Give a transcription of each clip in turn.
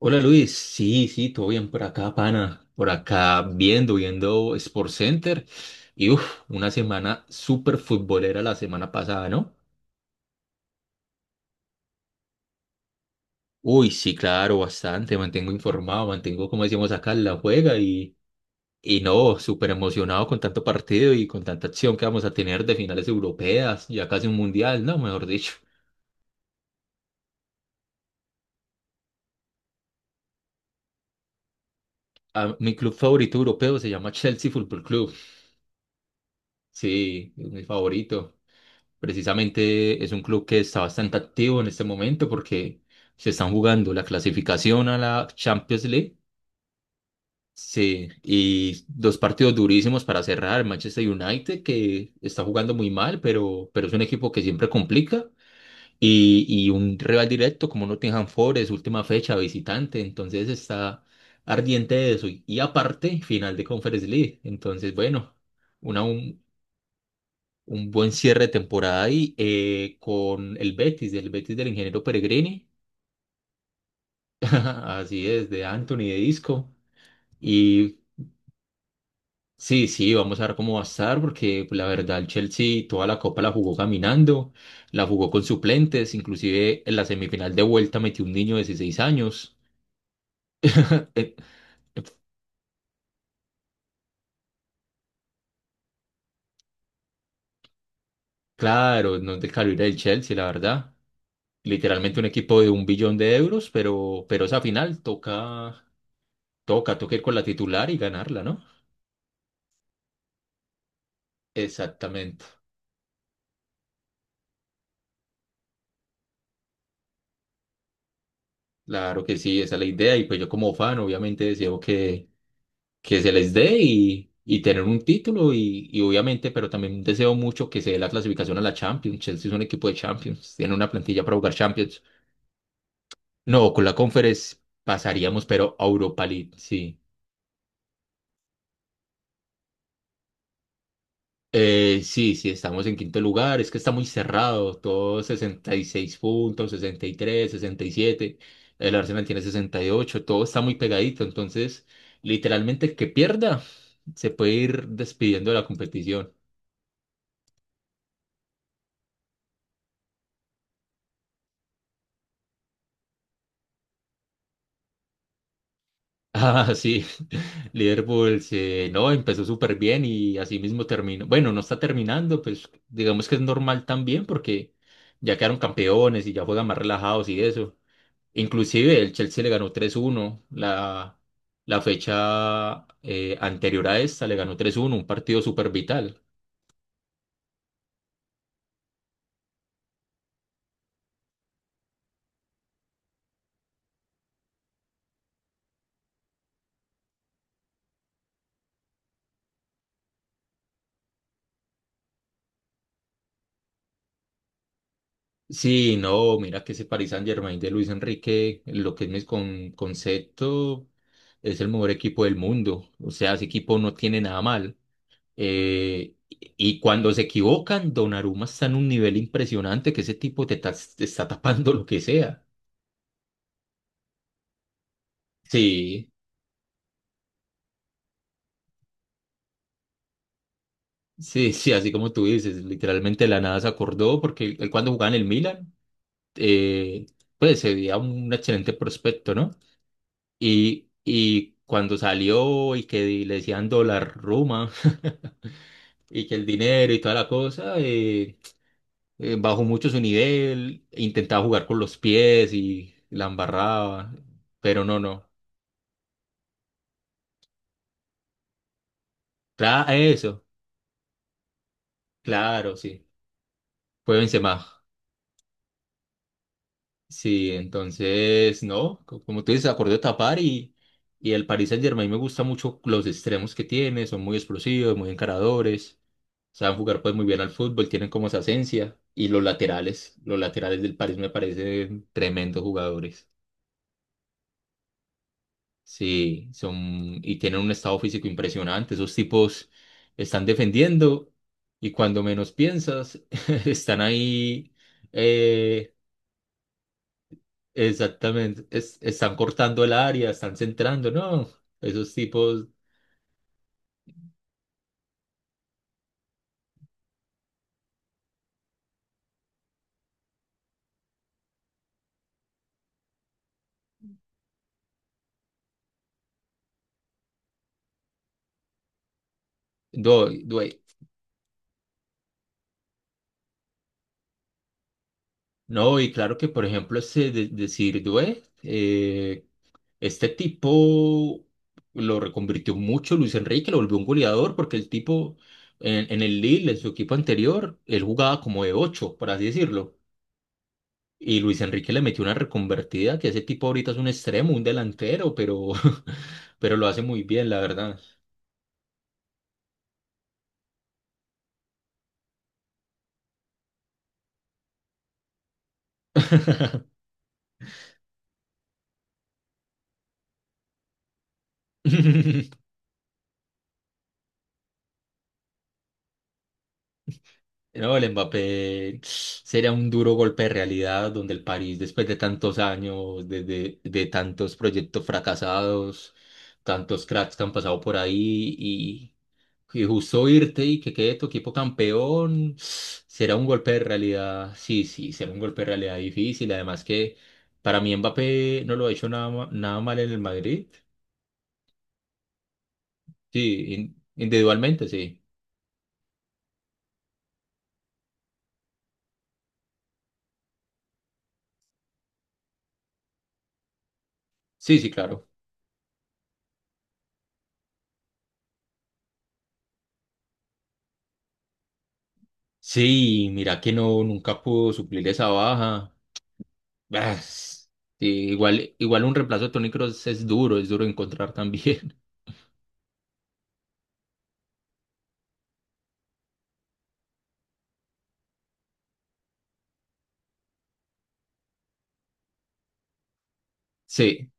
Hola Luis, sí, sí, todo bien por acá, pana, por acá viendo, Sports Center y uff, una semana súper futbolera la semana pasada, ¿no? Uy, sí, claro, bastante, mantengo informado, mantengo, como decimos acá, la juega y no, súper emocionado con tanto partido y con tanta acción que vamos a tener de finales europeas, ya casi un mundial, ¿no? Mejor dicho. Ah, mi club favorito europeo se llama Chelsea Football Club, sí, es mi favorito. Precisamente es un club que está bastante activo en este momento porque se están jugando la clasificación a la Champions League. Sí, y dos partidos durísimos para cerrar. Manchester United, que está jugando muy mal, pero es un equipo que siempre complica. Y un rival directo como Nottingham Forest, última fecha, visitante. Entonces está ardiente de eso. Y aparte, final de Conference League. Entonces, bueno, una, un- un buen cierre de temporada ahí con el Betis del ingeniero Peregrini, así es, de Anthony de Isco. Y sí, sí, vamos a ver cómo va a estar, porque pues, la verdad el Chelsea toda la copa la jugó caminando, la jugó con suplentes, inclusive en la semifinal de vuelta metió un niño de 16 años. Eh, eh, claro, no es de calibre del Chelsea, la verdad. Literalmente un equipo de un billón de euros, pero esa final toca, toca ir con la titular y ganarla, ¿no? Exactamente, claro que sí, esa es la idea y pues yo como fan obviamente deseo que se les dé y tener un título y obviamente, pero también deseo mucho que se dé la clasificación a la Champions. Chelsea es un equipo de Champions, tiene una plantilla para jugar Champions, no, con la Conference pasaríamos, pero a Europa League, sí. Sí, sí, estamos en quinto lugar. Es que está muy cerrado. Todo 66 puntos, 63, 67. El Arsenal tiene 68. Todo está muy pegadito. Entonces, literalmente, el que pierda se puede ir despidiendo de la competición. Ah, sí. No, empezó súper bien y así mismo terminó. Bueno, no está terminando, pues digamos que es normal también porque ya quedaron campeones y ya juegan más relajados y eso. Inclusive el Chelsea le ganó 3-1 la fecha anterior a esta, le ganó 3-1, un partido súper vital. Sí, no, mira que ese Paris Saint-Germain de Luis Enrique, lo que es mi concepto, es el mejor equipo del mundo. O sea, ese equipo no tiene nada mal. Y cuando se equivocan, Donnarumma está en un nivel impresionante que ese tipo te está tapando lo que sea. Sí. Sí, sí, así como tú dices, literalmente de la nada se acordó porque él cuando jugaba en el Milan, eh, pues se veía un excelente prospecto, ¿no? Y cuando salió y que le decían dólar Roma, y que el dinero y toda la cosa, bajó mucho su nivel, intentaba jugar con los pies y la embarraba, pero no, no. Eso, claro, sí, fue Benzema. Sí, entonces, no, como tú dices, acordó tapar y el Paris Saint-Germain me gusta mucho los extremos que tiene, son muy explosivos, muy encaradores, saben jugar pues muy bien al fútbol, tienen como esa esencia y los laterales del París me parecen tremendos jugadores. Sí, son y tienen un estado físico impresionante, esos tipos están defendiendo y cuando menos piensas están ahí eh, exactamente, están cortando el área, están centrando, no, esos tipos, no, due- no, y claro que por ejemplo ese decir, due, este tipo lo reconvirtió mucho Luis Enrique, lo volvió un goleador, porque el tipo en el Lille, en su equipo anterior, él jugaba como de ocho, por así decirlo, y Luis Enrique le metió una reconvertida, que ese tipo ahorita es un extremo, un delantero, pero, pero lo hace muy bien, la verdad. No, el Mbappé sería un duro golpe de realidad donde el París, después de tantos años, de tantos proyectos fracasados, tantos cracks que han pasado por ahí y justo irte y que quede tu equipo campeón, será un golpe de realidad, sí, sí, será un golpe de realidad difícil. Además que para mí Mbappé no lo ha hecho nada, nada mal en el Madrid, sí, individualmente, sí, sí, sí, claro. Sí, mira que no, nunca pudo suplir esa baja. Ah, sí, igual, igual un reemplazo de Toni Kroos es duro encontrar también. Sí,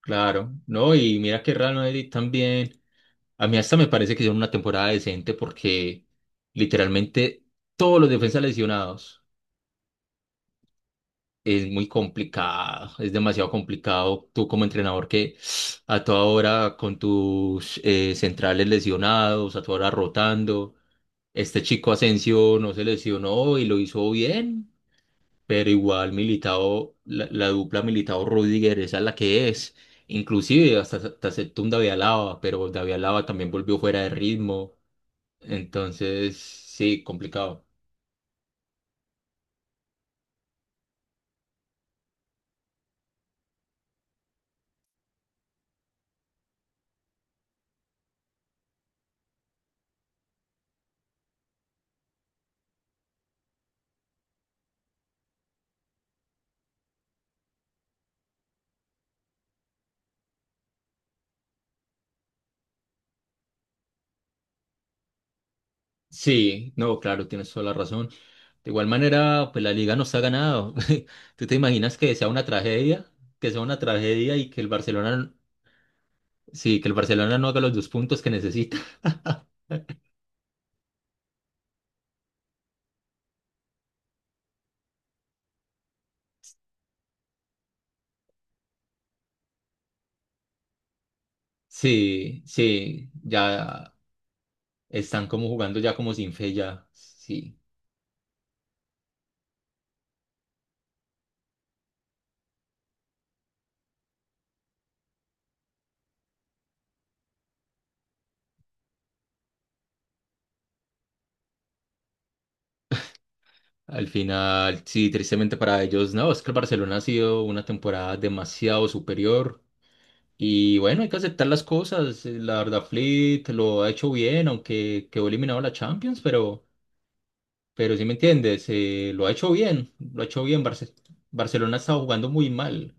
claro. No, y mira que Real Madrid también. A mí hasta me parece que hicieron una temporada decente porque literalmente todos los defensas lesionados es muy complicado, es demasiado complicado. Tú como entrenador que a toda hora con tus centrales lesionados, a toda hora rotando. Este chico Asensio no se lesionó y lo hizo bien. Pero igual Militao, la dupla Militao-Rudiger, esa es la que es. Inclusive hasta aceptó un David Alaba, pero David Alaba también volvió fuera de ritmo. Entonces, sí, complicado. Sí, no, claro, tienes toda la razón. De igual manera, pues la liga nos ha ganado. ¿Tú te imaginas que sea una tragedia? Que sea una tragedia y que el Barcelona, sí, que el Barcelona no haga los dos puntos que necesita. Sí, sí, ya están como jugando ya como sin fe ya. Sí. Al final, sí, tristemente para ellos, no, es que el Barcelona ha sido una temporada demasiado superior y bueno, hay que aceptar las cosas. La verdad, Flick lo ha hecho bien, aunque quedó eliminado de la Champions, pero sí me entiendes, lo ha hecho bien, lo ha hecho bien. Barcelona está jugando muy mal.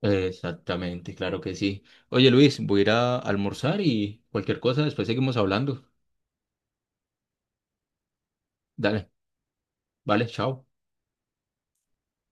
Exactamente, claro que sí. Oye, Luis, voy a ir a almorzar y cualquier cosa, después seguimos hablando. Dale, vale, chao.